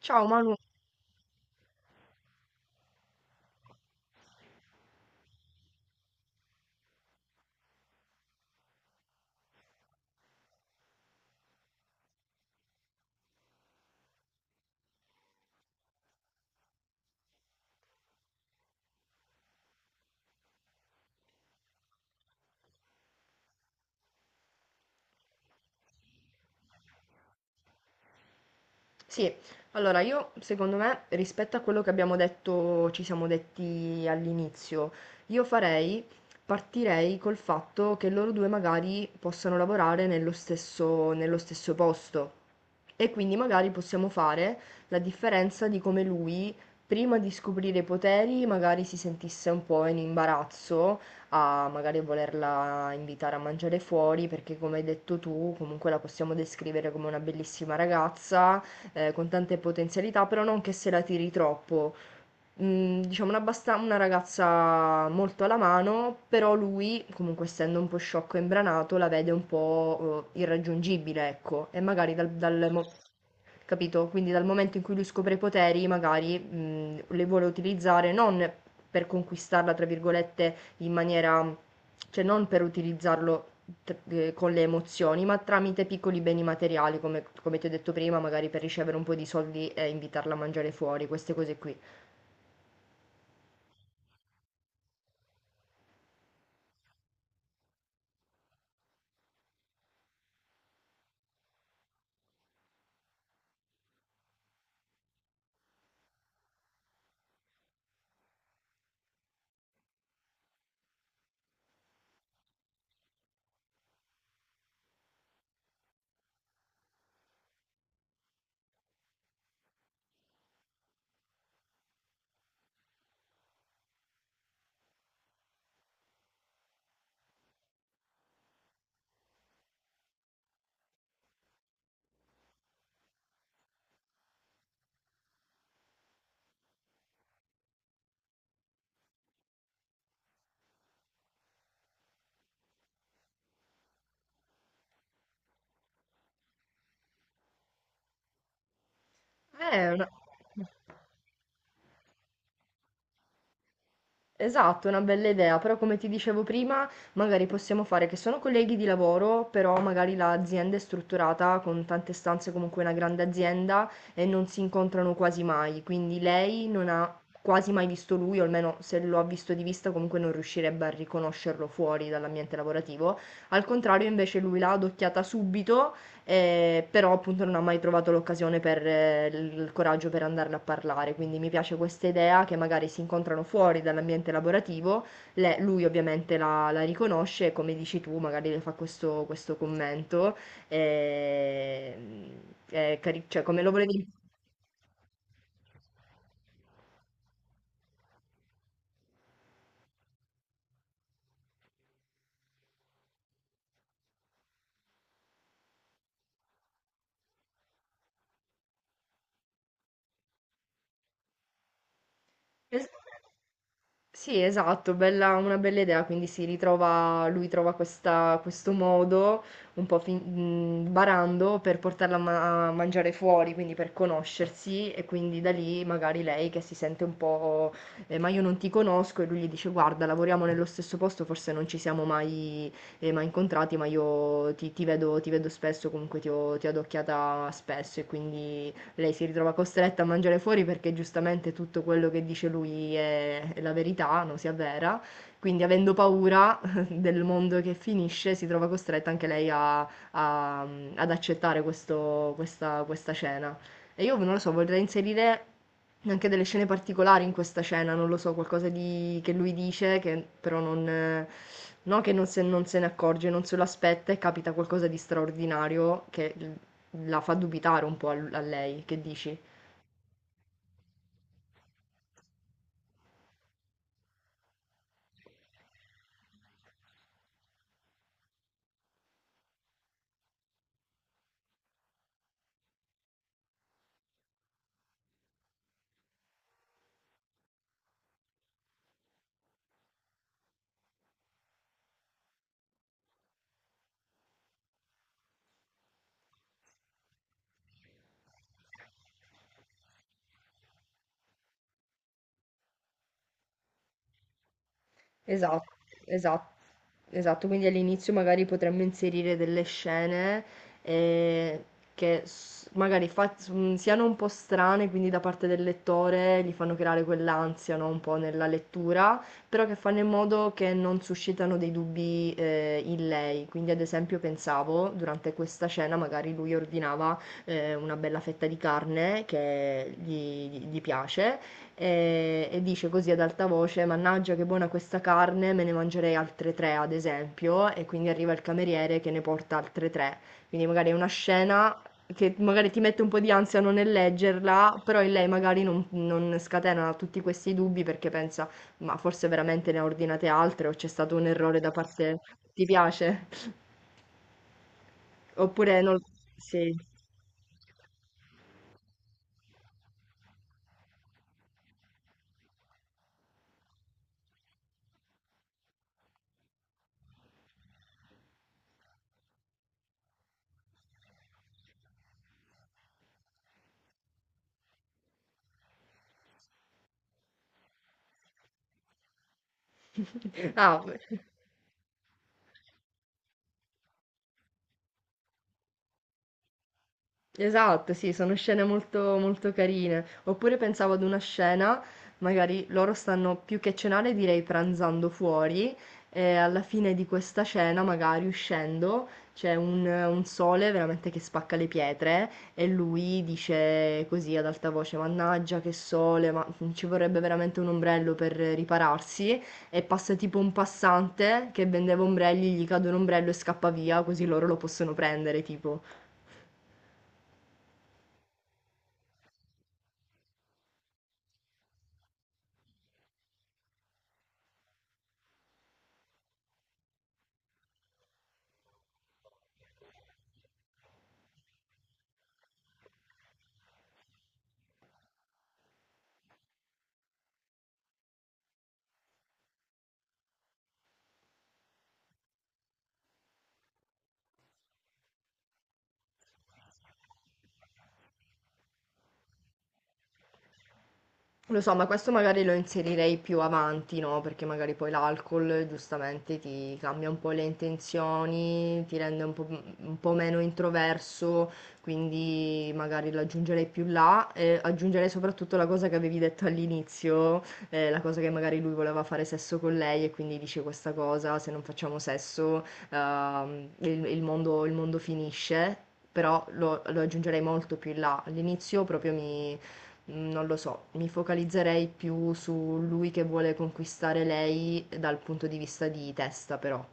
Ciao Manu. Sì, allora io secondo me rispetto a quello che abbiamo detto, ci siamo detti all'inizio, io farei, partirei col fatto che loro due magari possano lavorare nello stesso posto e quindi magari possiamo fare la differenza di come lui prima di scoprire i poteri magari si sentisse un po' in imbarazzo a magari volerla invitare a mangiare fuori perché come hai detto tu comunque la possiamo descrivere come una bellissima ragazza con tante potenzialità, però non che se la tiri troppo. Mhmm, diciamo una abbasta una ragazza molto alla mano, però lui, comunque essendo un po' sciocco e imbranato, la vede un po', irraggiungibile, ecco. E magari dal mo capito? Quindi dal momento in cui lui scopre i poteri magari, le vuole utilizzare non per "conquistarla" tra virgolette in maniera, cioè non per utilizzarlo t con le emozioni, ma tramite piccoli beni materiali, come ti ho detto prima, magari per ricevere un po' di soldi e invitarla a mangiare fuori, queste cose qui. Eh, una- Esatto, è una bella idea, però come ti dicevo prima, magari possiamo fare che sono colleghi di lavoro, però magari l'azienda è strutturata con tante stanze, comunque è una grande azienda e non si incontrano quasi mai, quindi lei non ha quasi mai visto lui, o almeno se lo ha visto di vista comunque non riuscirebbe a riconoscerlo fuori dall'ambiente lavorativo. Al contrario, invece lui l'ha adocchiata subito, però appunto non ho mai trovato l'occasione per il coraggio per andarne a parlare, quindi mi piace questa idea che magari si incontrano fuori dall'ambiente lavorativo. Lui ovviamente la riconosce e come dici tu magari le fa questo commento, eh, è cari- cioè come lo volevi... Sì, esatto, bella, una bella idea, quindi si ritrova, lui trova questo modo, un po' fin- barando, per portarla a, a mangiare fuori, quindi per conoscersi e quindi da lì magari lei che si sente un po', ma io non ti conosco, e lui gli dice guarda, lavoriamo nello stesso posto, forse non ci siamo mai, mai incontrati, ma io ti vedo spesso, comunque ti ho adocchiata spesso, e quindi lei si ritrova costretta a mangiare fuori perché giustamente tutto quello che dice lui è la verità, non si avvera. Quindi avendo paura del mondo che finisce, si trova costretta anche lei a- ad accettare questa scena. E io non lo so, vorrei inserire anche delle scene particolari in questa scena, non lo so, qualcosa di- che lui dice, che però non, no, che non se ne accorge, non se lo aspetta e capita qualcosa di straordinario che la fa dubitare un po' a lei, che dici? Esatto, esatto, esatto. Quindi all'inizio magari potremmo inserire delle scene eh, che s- magari fa- s- siano un po' strane, quindi da parte del lettore gli fanno creare quell'ansia, no, un po' nella lettura, però che fanno in modo che non suscitano dei dubbi in lei. Quindi ad esempio pensavo, durante questa scena magari lui ordinava una bella fetta di carne che gli piace e dice così ad alta voce: Mannaggia, che buona questa carne, me ne mangerei altre tre, ad esempio. E quindi arriva il cameriere che ne porta altre tre. Quindi magari è una scena che magari ti mette un po' di ansia non nel leggerla, però in lei magari non scatena tutti questi dubbi perché pensa, ma forse veramente ne ha ordinate altre o c'è stato un errore da parte... Ti piace? Oppure non... Sì. Ah, esatto, sì, sono scene molto carine. Oppure pensavo ad una scena, magari loro stanno più che cenare, direi pranzando fuori, e alla fine di questa cena, magari uscendo, c'è un sole veramente che spacca le pietre e lui dice così ad alta voce, Mannaggia, che sole, ma ci vorrebbe veramente un ombrello per ripararsi. E passa tipo un passante che vendeva ombrelli, gli cade un ombrello e scappa via, così loro lo possono prendere, tipo. Lo so, ma questo magari lo inserirei più avanti, no? Perché magari poi l'alcol giustamente ti cambia un po' le intenzioni, ti rende un po' meno introverso, quindi magari lo aggiungerei più là e aggiungerei soprattutto la cosa che avevi detto all'inizio, la cosa che magari lui voleva fare sesso con lei e quindi dice questa cosa, se non facciamo sesso, il mondo finisce, però lo aggiungerei molto più in là. All'inizio proprio mi mm, non lo so, mi focalizzerei più su lui che vuole conquistare lei dal punto di vista di testa, però.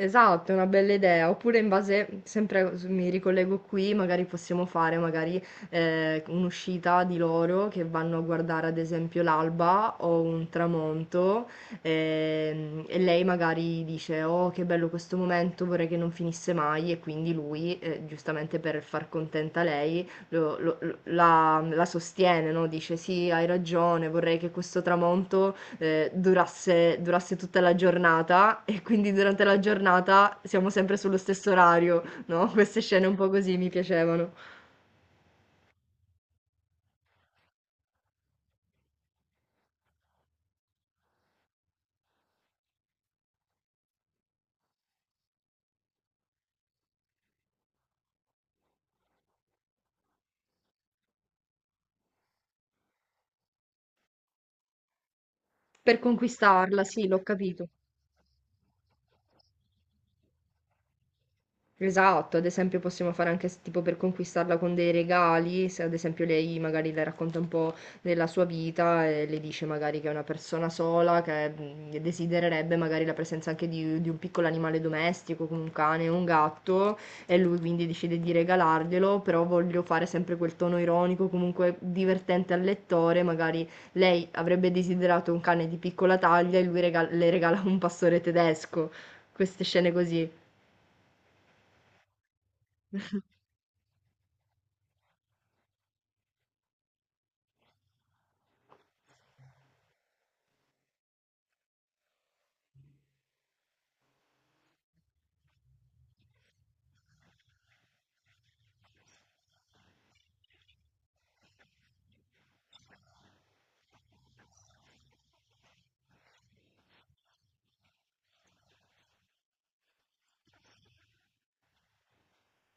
Esatto, è una bella idea. Oppure in base, sempre mi ricollego qui, magari possiamo fare magari un'uscita di loro che vanno a guardare ad esempio l'alba o un tramonto, e lei magari dice oh che bello questo momento, vorrei che non finisse mai, e quindi lui, giustamente per far contenta lei, la sostiene, no? Dice sì, hai ragione, vorrei che questo tramonto durasse tutta la giornata e quindi durante la giornata siamo sempre sullo stesso orario, no? Queste scene un po' così mi piacevano. Per conquistarla, sì, l'ho capito. Esatto, ad esempio possiamo fare anche tipo per conquistarla con dei regali, se ad esempio lei magari le racconta un po' della sua vita e le dice magari che è una persona sola, che mm, desidererebbe magari la presenza anche di un piccolo animale domestico, come un cane o un gatto, e lui quindi decide di regalarglielo, però voglio fare sempre quel tono ironico, comunque divertente al lettore, magari lei avrebbe desiderato un cane di piccola taglia e lui le regala un pastore tedesco, queste scene così.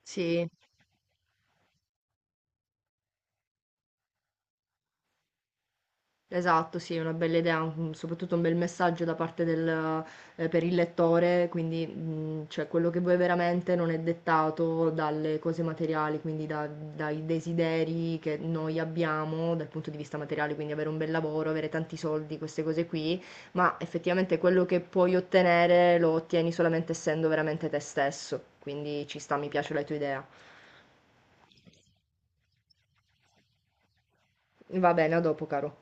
Sì. Esatto, sì, è una bella idea, un- soprattutto un bel messaggio da parte del, per il lettore, quindi cioè, quello che vuoi veramente non è dettato dalle cose materiali, quindi dai desideri che noi abbiamo dal punto di vista materiale, quindi avere un bel lavoro, avere tanti soldi, queste cose qui, ma effettivamente quello che puoi ottenere lo ottieni solamente essendo veramente te stesso, quindi ci sta, mi piace la tua idea. Va bene, a dopo, caro.